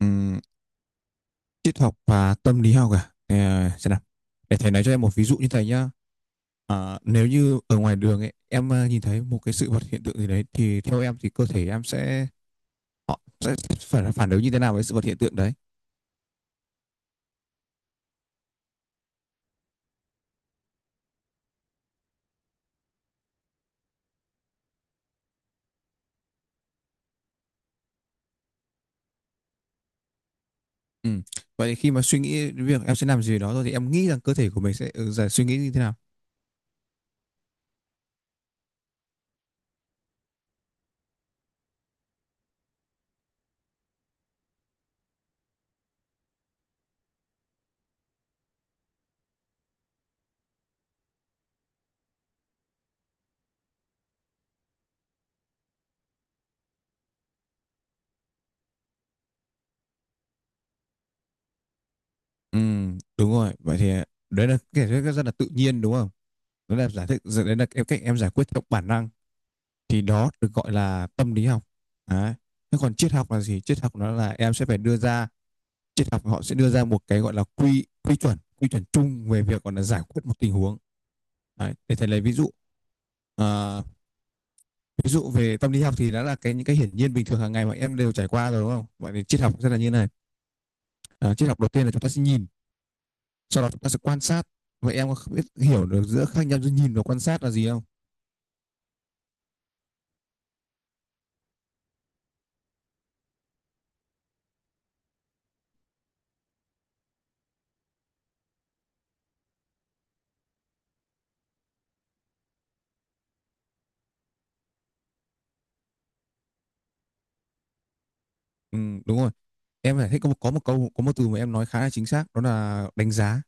Ừm, Triết học và tâm lý học à? Ờ, xem nào. Để thầy nói cho em một ví dụ như thầy nhá. Nếu như ở ngoài đường ấy, em nhìn thấy một cái sự vật hiện tượng gì đấy thì theo em thì cơ thể em sẽ họ sẽ phải phản ứng như thế nào với sự vật hiện tượng đấy? Ừ. Vậy thì khi mà suy nghĩ đến việc em sẽ làm gì đó rồi thì em nghĩ rằng cơ thể của mình sẽ giải suy nghĩ như thế nào? Ừ, đúng rồi. Vậy thì đấy là cái giải thích rất là tự nhiên đúng không? Đó là giải thích đấy là em cách em giải quyết theo bản năng thì đó được gọi là tâm lý học đấy. Thế còn triết học là gì? Triết học nó là em sẽ phải đưa ra Triết học họ sẽ đưa ra một cái gọi là quy quy chuẩn chung về việc gọi là giải quyết một tình huống đấy. Để thầy lấy ví dụ. à, Ví dụ về tâm lý học thì đó là cái những cái hiển nhiên bình thường hàng ngày mà em đều trải qua rồi đúng không? Vậy thì triết học sẽ là như này. Triết học, đầu tiên là chúng ta sẽ nhìn, sau đó chúng ta sẽ quan sát. Vậy em có biết hiểu được giữa khác nhau giữa nhìn và quan sát là gì không? Ừ, đúng rồi. Em phải thích có một câu có một từ mà em nói khá là chính xác đó là đánh giá.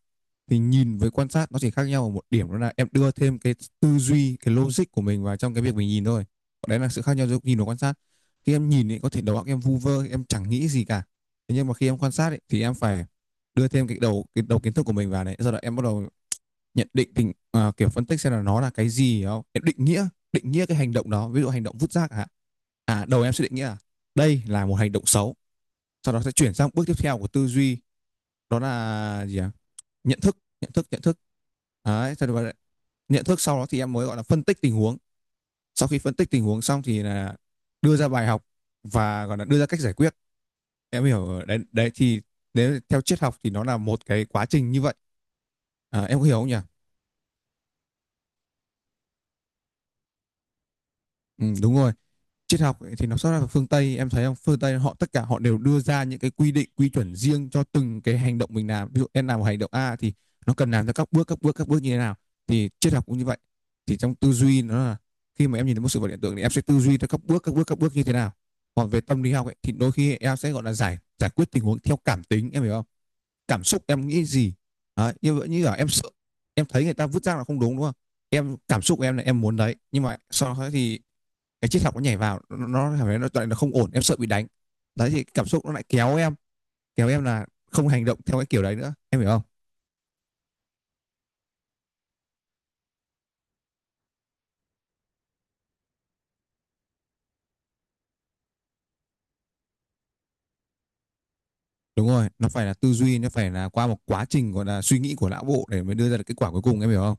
Thì nhìn với quan sát nó chỉ khác nhau ở một điểm, đó là em đưa thêm cái tư duy, cái logic của mình vào trong cái việc mình nhìn thôi. Còn đấy là sự khác nhau giữa nhìn và quan sát. Khi em nhìn thì có thể đầu óc em vu vơ, em chẳng nghĩ gì cả, thế nhưng mà khi em quan sát ấy, thì em phải đưa thêm cái đầu kiến thức của mình vào đấy, sau đó em bắt đầu nhận định tình à, kiểu phân tích xem là nó là cái gì, hiểu không? Em định nghĩa cái hành động đó, ví dụ hành động vứt rác hả, à đầu em sẽ định nghĩa là đây là một hành động xấu. Sau đó sẽ chuyển sang bước tiếp theo của tư duy, đó là gì ạ? Nhận thức, nhận thức đấy thật. Nhận thức sau đó thì em mới gọi là phân tích tình huống. Sau khi phân tích tình huống xong thì là đưa ra bài học và gọi là đưa ra cách giải quyết. Em hiểu đấy, đấy thì nếu theo triết học thì nó là một cái quá trình như vậy. À, em có hiểu không nhỉ? Ừ, đúng rồi. Triết học ấy, thì nó xuất ra từ phương Tây, em thấy không? Phương Tây họ tất cả họ đều đưa ra những cái quy định quy chuẩn riêng cho từng cái hành động mình làm. Ví dụ em làm một hành động A thì nó cần làm ra các bước, các bước như thế nào. Thì triết học cũng như vậy, thì trong tư duy nó là khi mà em nhìn thấy một sự vật hiện tượng thì em sẽ tư duy theo các bước, các bước như thế nào. Còn về tâm lý học ấy, thì đôi khi em sẽ gọi là giải giải quyết tình huống theo cảm tính, em hiểu không? Cảm xúc em nghĩ gì. Đấy, như vậy như là em sợ, em thấy người ta vứt rác là không đúng đúng không? Em cảm xúc của em là em muốn đấy, nhưng mà sau đó thì cái triết học nó nhảy vào, nó cảm thấy nó không ổn, em sợ bị đánh. Đấy thì cảm xúc nó lại kéo em, là không hành động theo cái kiểu đấy nữa, em hiểu không? Đúng rồi, nó phải là tư duy, nó phải là qua một quá trình gọi là suy nghĩ của não bộ để mới đưa ra được kết quả cuối cùng, em hiểu không?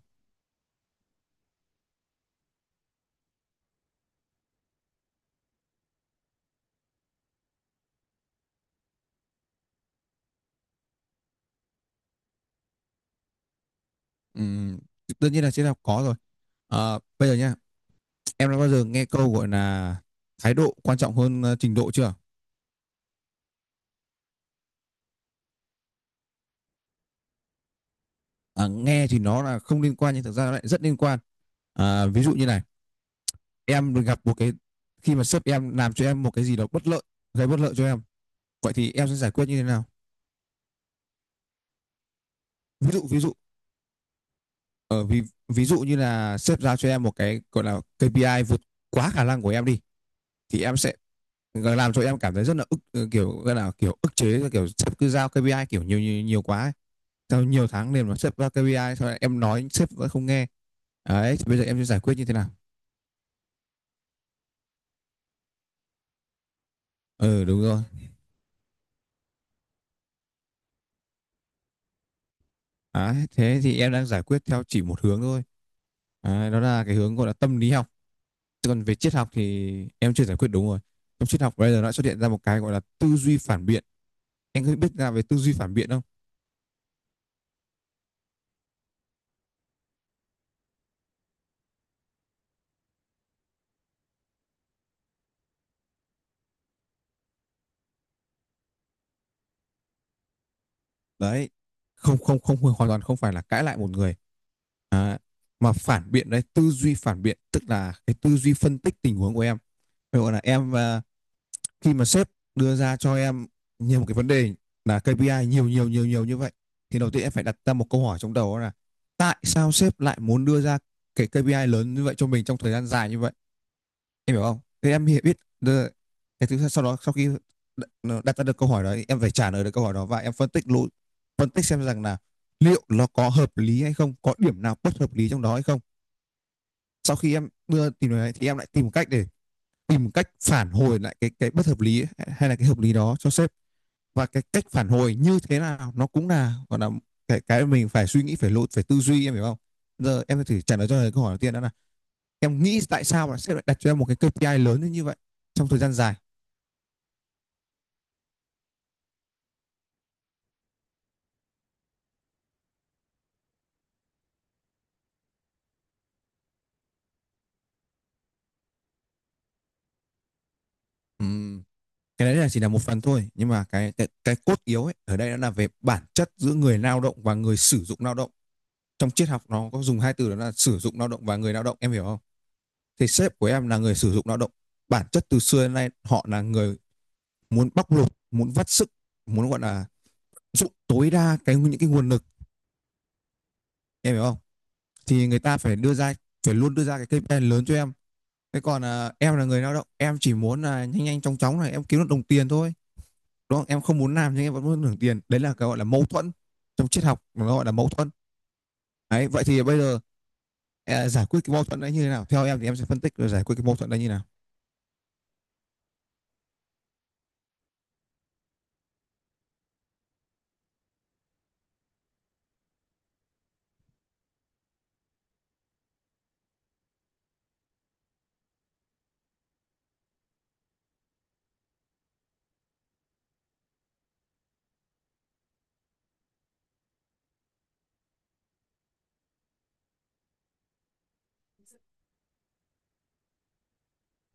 Ừm, Tất nhiên là triết học có rồi. Bây giờ nhá, em đã bao giờ nghe câu gọi là thái độ quan trọng hơn trình độ chưa? Ờ, Nghe thì nó là không liên quan nhưng thực ra nó lại rất liên quan. Ví dụ như này, em gặp một cái, khi mà sếp em làm cho em một cái gì đó bất lợi, gây bất lợi cho em. Vậy thì em sẽ giải quyết như thế nào? Ví dụ, ở ví ví dụ như là sếp giao cho em một cái gọi là KPI vượt quá khả năng của em đi, thì em sẽ làm cho em cảm thấy rất là ức, kiểu gọi là kiểu ức chế, kiểu sếp cứ giao KPI kiểu nhiều nhiều, nhiều quá ấy. Sau nhiều tháng liền mà sếp giao KPI, sau này em nói sếp vẫn không nghe. Đấy, thì bây giờ em sẽ giải quyết như thế nào? Ừ, đúng rồi. Đấy, thế thì em đang giải quyết theo chỉ một hướng thôi. Đấy, đó là cái hướng gọi là tâm lý học, còn về triết học thì em chưa giải quyết đúng rồi. Trong triết học bây giờ nó xuất hiện ra một cái gọi là tư duy phản biện. Anh có biết ra về tư duy phản biện không? Đấy, không không không hoàn toàn không phải là cãi lại một người. À, mà phản biện đấy, tư duy phản biện tức là cái tư duy phân tích tình huống của em. Ví dụ là em, khi mà sếp đưa ra cho em nhiều một cái vấn đề là KPI nhiều nhiều như vậy, thì đầu tiên em phải đặt ra một câu hỏi trong đầu đó là tại sao sếp lại muốn đưa ra cái KPI lớn như vậy cho mình trong thời gian dài như vậy? Em hiểu không? Thế em hi- biết đơ- Cái thứ sau đó, sau khi nó đặt ra được câu hỏi đó em phải trả lời được câu hỏi đó và em phân tích lỗi, phân tích xem rằng là liệu nó có hợp lý hay không, có điểm nào bất hợp lý trong đó hay không. Sau khi em tìm được đấy, thì em lại tìm cách để tìm cách phản hồi lại cái bất hợp lý ấy, hay là cái hợp lý đó cho sếp. Và cái cách phản hồi như thế nào nó cũng là gọi là cái mình phải suy nghĩ, phải lỗi, phải tư duy, em hiểu không? Giờ em thử trả lời cho câu hỏi đầu tiên đó là em nghĩ tại sao mà sếp lại đặt cho em một cái KPI lớn như vậy trong thời gian dài. Ừm, cái đấy là chỉ là một phần thôi, nhưng mà cái cốt yếu ấy ở đây nó là về bản chất giữa người lao động và người sử dụng lao động. Trong triết học nó có dùng hai từ đó là sử dụng lao động và người lao động, em hiểu không? Thì sếp của em là người sử dụng lao động. Bản chất từ xưa đến nay họ là người muốn bóc lột, muốn vắt sức, muốn gọi là dụng tối đa cái những cái nguồn lực, em hiểu không? Thì người ta phải đưa ra, phải luôn đưa ra cái KPI lớn cho em. Thế còn em là người lao động, em chỉ muốn là nhanh nhanh chóng chóng này em kiếm được đồng tiền thôi, đúng không? Em không muốn làm nhưng em vẫn muốn hưởng tiền, đấy là cái gọi là mâu thuẫn. Trong triết học nó gọi là mâu thuẫn. Đấy vậy thì bây giờ, giải quyết cái mâu thuẫn đấy như thế nào, theo em thì em sẽ phân tích rồi giải quyết cái mâu thuẫn đấy như thế nào?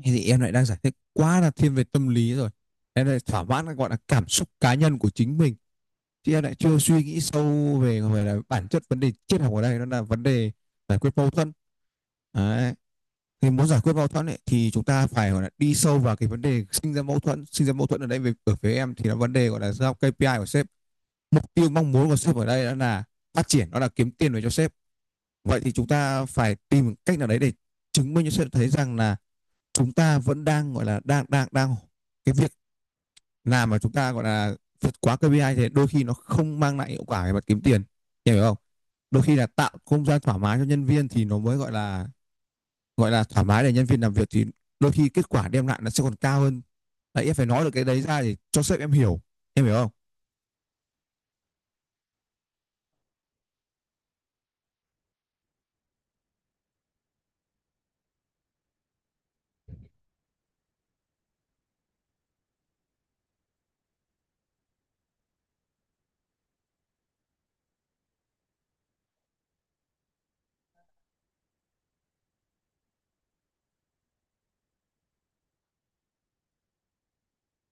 Thì em lại đang giải thích quá là thiên về tâm lý rồi, em lại thỏa mãn cái gọi là cảm xúc cá nhân của chính mình, chứ em lại chưa suy nghĩ sâu về gọi là bản chất vấn đề triết học ở đây, đó là vấn đề giải quyết mâu thuẫn đấy. Thì muốn giải quyết mâu thuẫn ấy, thì chúng ta phải gọi là đi sâu vào cái vấn đề sinh ra mâu thuẫn ở đây về ở phía em thì là vấn đề gọi là giao KPI của sếp. Mục tiêu mong muốn của sếp ở đây đó là phát triển, đó là kiếm tiền về cho sếp. Vậy thì chúng ta phải tìm cách nào đấy để chứng minh cho sếp thấy rằng là chúng ta vẫn đang gọi là đang đang đang cái việc làm mà chúng ta gọi là vượt quá KPI thì đôi khi nó không mang lại hiệu quả về mặt kiếm tiền, em hiểu không? Đôi khi là tạo không gian thoải mái cho nhân viên thì nó mới gọi là thoải mái để nhân viên làm việc, thì đôi khi kết quả đem lại nó sẽ còn cao hơn. Đấy, em phải nói được cái đấy ra để cho sếp em hiểu, em hiểu không?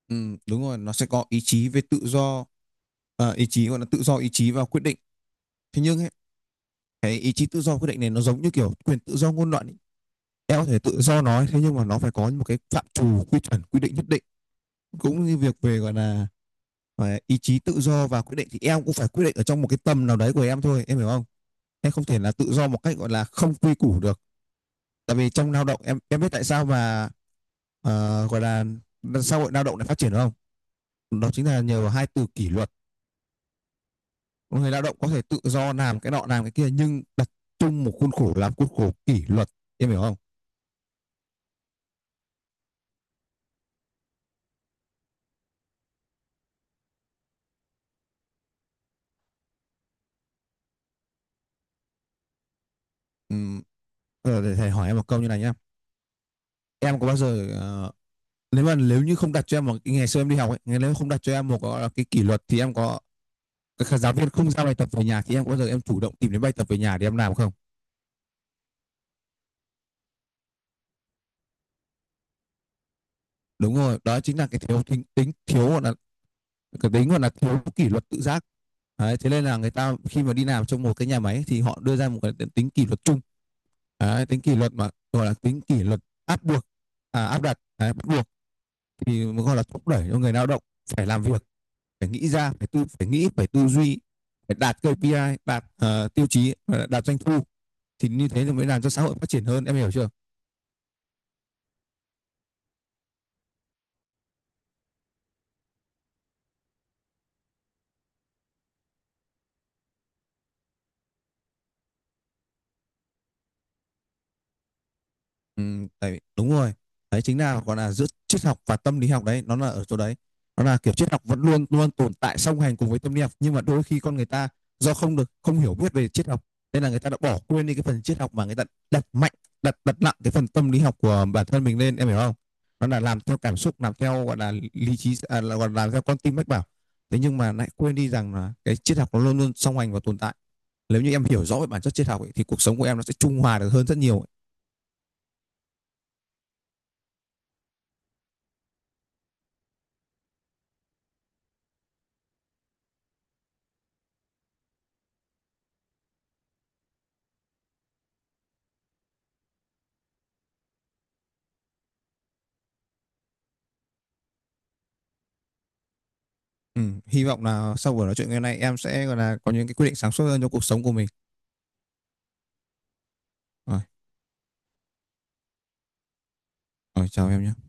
Ừ, đúng rồi, nó sẽ có ý chí về tự do. À, ý chí gọi là tự do ý chí và quyết định. Thế nhưng ấy, cái ý chí tự do quyết định này nó giống như kiểu quyền tự do ngôn luận ấy. Em có thể tự do nói, thế nhưng mà nó phải có một cái phạm trù quy chuẩn quy định nhất định, cũng như việc về gọi là ý chí tự do và quyết định thì em cũng phải quyết định ở trong một cái tầm nào đấy của em thôi, em hiểu không? Em không thể là tự do một cách gọi là không quy củ được. Tại vì trong lao động, em biết tại sao mà gọi là xã hội lao động lại phát triển không? Đó chính là nhờ vào hai từ kỷ luật. Người lao động có thể tự do làm cái nọ làm cái kia nhưng đặt chung một khuôn khổ, làm khuôn khổ kỷ luật, em hiểu không? Ừm, để thầy hỏi em một câu như này nhá. Em có bao giờ nếu mà nếu như không đặt cho em một, ngày xưa em đi học ấy, nếu không đặt cho em một cái kỷ luật thì em có, các giáo viên không giao bài tập về nhà thì em có bao giờ em chủ động tìm đến bài tập về nhà để em làm không? Đúng rồi, đó chính là cái thiếu tính, tính thiếu gọi là cái tính gọi là thiếu kỷ luật tự giác. Đấy, thế nên là người ta khi mà đi làm trong một cái nhà máy thì họ đưa ra một cái tính kỷ luật chung. Đấy, tính kỷ luật mà gọi là tính kỷ luật áp buộc, à, áp đặt đấy, bắt buộc thì gọi là thúc đẩy cho người lao động phải làm việc, phải nghĩ ra, phải nghĩ, phải tư duy, phải đạt KPI, đạt tiêu chí, đạt doanh thu, thì như thế thì mới làm cho xã hội phát triển hơn, em hiểu chưa? Ừ, tại đúng rồi, đấy chính là gọi là giữa triết học và tâm lý học đấy, nó là ở chỗ đấy. Nó là kiểu triết học vẫn luôn luôn tồn tại song hành cùng với tâm lý học, nhưng mà đôi khi con người ta do không hiểu biết về triết học nên là người ta đã bỏ quên đi cái phần triết học, mà người ta đặt mạnh, đặt đặt nặng cái phần tâm lý học của bản thân mình lên, em hiểu không? Nó là làm theo cảm xúc, làm theo gọi là lý trí, à, là gọi là làm theo con tim mách bảo, thế nhưng mà lại quên đi rằng là cái triết học nó luôn luôn song hành và tồn tại. Nếu như em hiểu rõ về bản chất triết học ấy, thì cuộc sống của em nó sẽ trung hòa được hơn rất nhiều. Ừ, hy vọng là sau buổi nói chuyện ngày nay em sẽ gọi là có những cái quyết định sáng suốt hơn cho cuộc sống của mình. Rồi, rồi chào em nhé.